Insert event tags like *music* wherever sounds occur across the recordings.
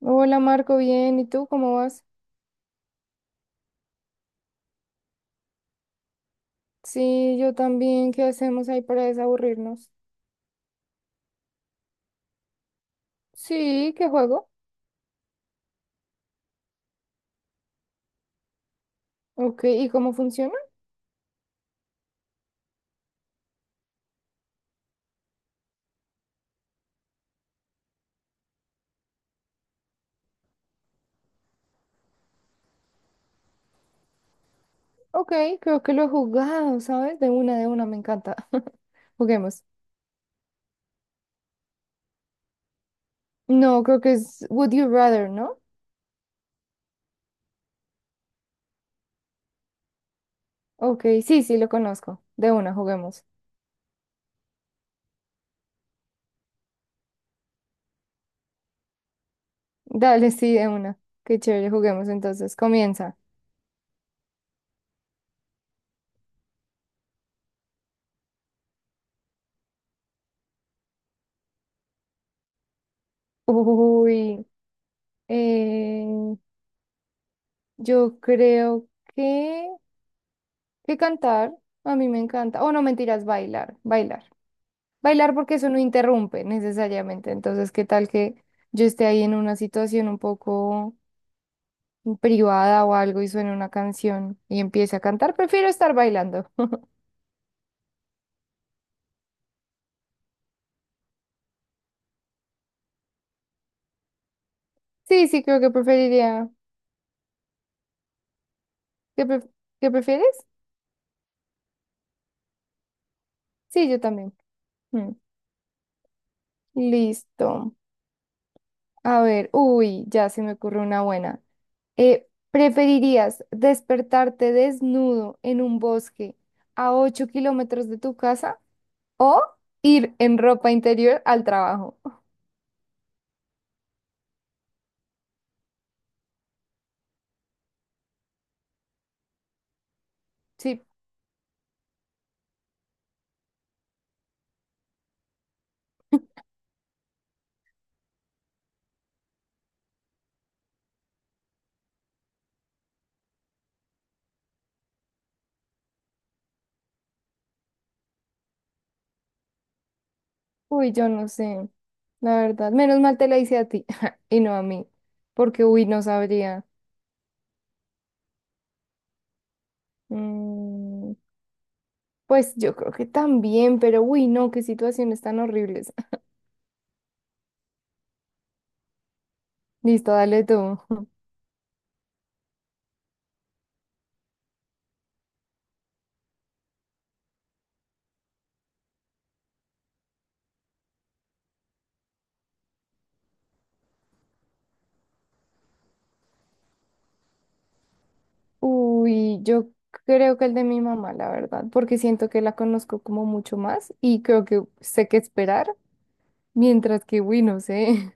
Hola Marco, bien. ¿Y tú cómo vas? Sí, yo también. ¿Qué hacemos ahí para desaburrirnos? Sí, ¿qué juego? Ok, ¿y cómo funciona? Ok, creo que lo he jugado, ¿sabes? De una, me encanta. *laughs* Juguemos. No, creo que es Would You Rather, ¿no? Ok, sí, sí, lo conozco. De una, juguemos. Dale, sí, de una. Qué chévere, juguemos entonces. Comienza. Uy, eh, yo creo que... Que cantar, a mí me encanta. O no, mentiras, bailar, bailar. Bailar porque eso no interrumpe necesariamente. Entonces, ¿qué tal que yo esté ahí en una situación un poco privada o algo y suene una canción y empiece a cantar? Prefiero estar bailando. *laughs* Sí, sí, creo que preferiría. ¿Qué, qué prefieres? Sí, yo también. Mm. Listo. A ver, uy, ya se me ocurre una buena. ¿Preferirías despertarte desnudo en un bosque a 8 kilómetros de tu casa? O ir en ropa interior al trabajo. Sí, uy, yo no sé, la verdad. Menos mal te la hice a ti *laughs* y no a mí, porque uy, no sabría. Mm, pues yo creo que también, pero uy, no, qué situaciones tan horribles. *laughs* Listo, dale tú. Uy, yo creo que el de mi mamá, la verdad, porque siento que la conozco como mucho más y creo que sé qué esperar, mientras que, uy, no sé.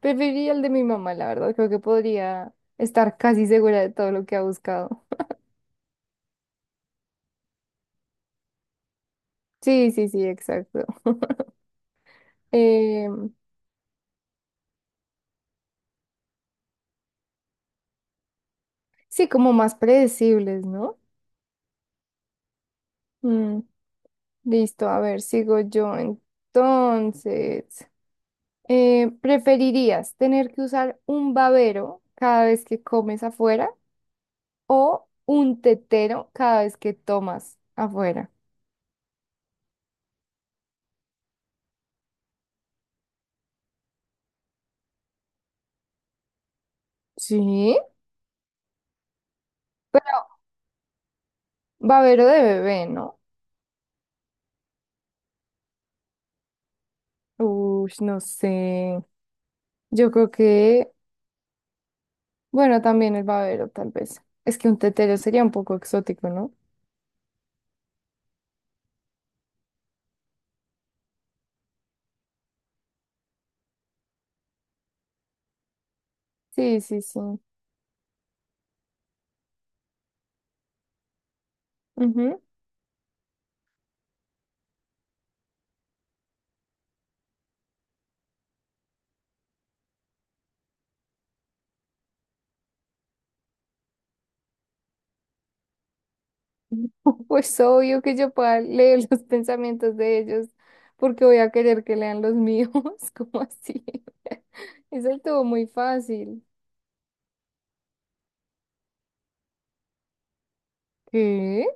Preferiría el de mi mamá, la verdad. Creo que podría estar casi segura de todo lo que ha buscado. Sí, sí, sí, exacto. Em, sí, como más predecibles, ¿no? Mm, listo, a ver, sigo yo entonces. Eh, ¿preferirías tener que usar un babero cada vez que comes afuera o un tetero cada vez que tomas afuera? Sí, pero babero de bebé, ¿no? Uy, no sé. Yo creo que bueno, también el babero, tal vez. Es que un tetero sería un poco exótico, ¿no? Sí, sí, sí. Ujú. *laughs* Pues obvio que yo pueda leer los pensamientos de ellos, porque voy a querer que lean los míos, *laughs* como así? *laughs* Eso estuvo muy fácil. ¿Qué?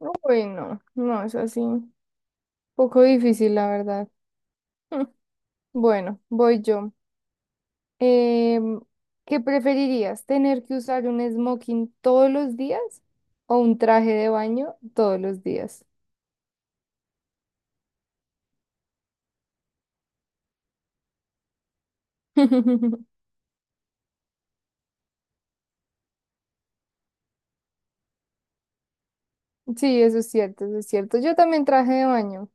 No, bueno, no, es así. Poco difícil, la verdad. *laughs* Mm. Bueno, voy yo. Em, ¿Qué preferirías? ¿Tener que usar un smoking todos los días o un traje de baño todos los días? *laughs* Sí, eso es cierto, eso es cierto. Yo también traje de baño.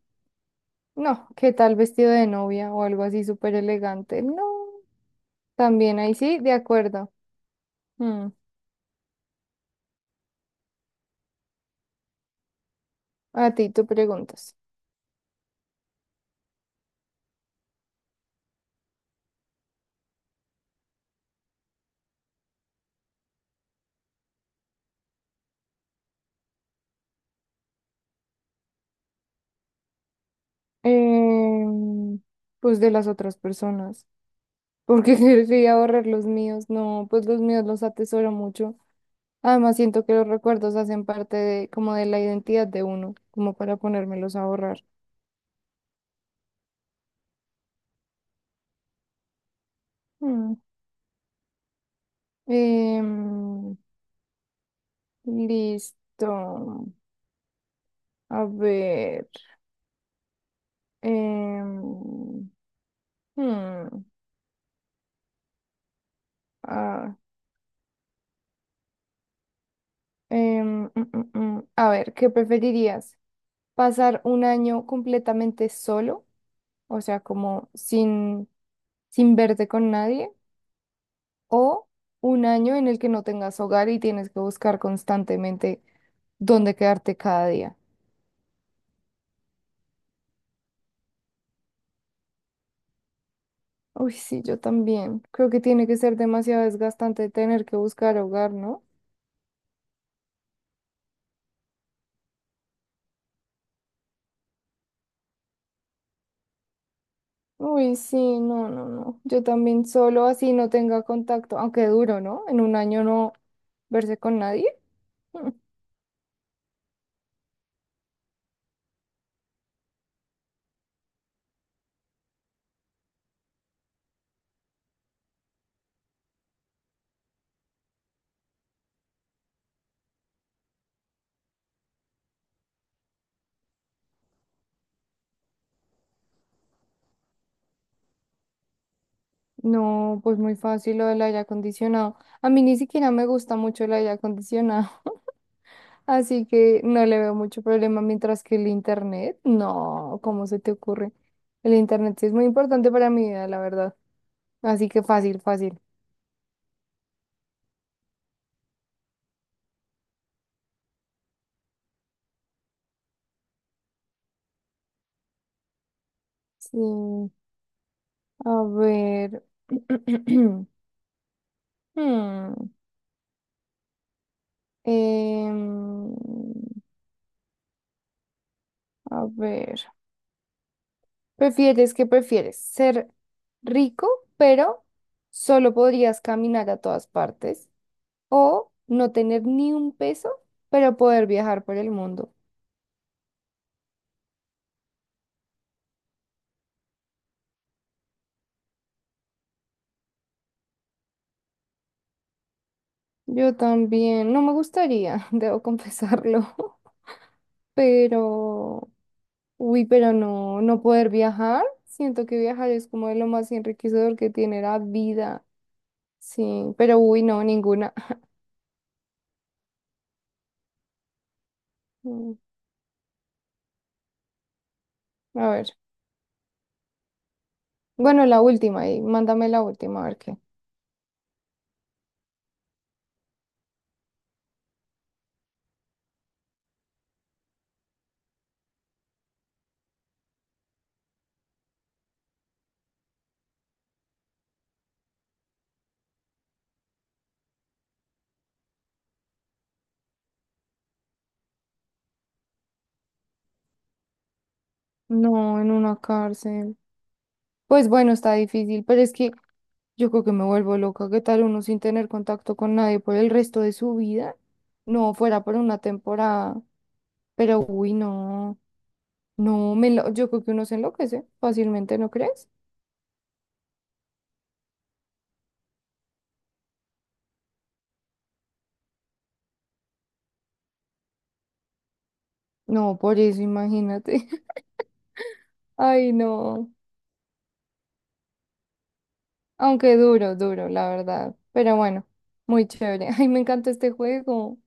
No, ¿qué tal vestido de novia o algo así súper elegante? No, también ahí sí, de acuerdo. Mm. A ti, tú preguntas. Em, pues de las otras personas. Porque *laughs* querría borrar los míos. No, pues los míos los atesoro mucho. Además, siento que los recuerdos hacen parte de, como de la identidad de uno, como para ponérmelos a borrar. Mm. em, listo. A ver. em, hmm, ah, A ver, ¿qué preferirías? ¿Pasar un año completamente solo? O sea, como sin, sin verte con nadie. ¿O un año en el que no tengas hogar y tienes que buscar constantemente dónde quedarte cada día? Uy, sí, yo también. Creo que tiene que ser demasiado desgastante tener que buscar hogar, ¿no? Uy, sí, no, no, no. Yo también solo así no tenga contacto, aunque duro, ¿no? En un año no verse con nadie. *laughs* Mm. No, pues muy fácil lo del aire acondicionado. A mí ni siquiera me gusta mucho el aire acondicionado, *laughs* así que no le veo mucho problema, mientras que el internet, no, ¿cómo se te ocurre? El internet sí es muy importante para mi vida, la verdad. Así que fácil, fácil. Sí, a ver. *clears throat* Hmm, em, a ver, ¿prefieres que prefieres? ¿Ser rico, pero solo podrías caminar a todas partes? ¿O no tener ni un peso, pero poder viajar por el mundo? Yo también, no me gustaría, *laughs* debo confesarlo, *laughs* pero, uy, pero no, no poder viajar. Siento que viajar es como de lo más enriquecedor que tiene la vida. Sí, pero uy, no, ninguna. *laughs* Mm. A ver, bueno, la última y mándame la última, a ver qué. No, en una cárcel. Pues bueno, está difícil, pero es que yo creo que me vuelvo loca. ¿Qué tal uno sin tener contacto con nadie por el resto de su vida? No, fuera por una temporada. Pero uy, no, yo creo que uno se enloquece fácilmente, ¿no crees? No, por eso imagínate. *laughs* Ay, no. Aunque duro, duro, la verdad. Pero bueno, muy chévere. Ay, me encanta este juego.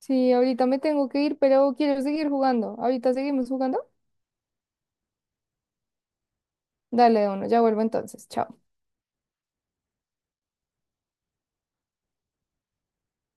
Sí, ahorita me tengo que ir, pero quiero seguir jugando. Ahorita seguimos jugando. Dale, de uno, ya vuelvo entonces. Chao.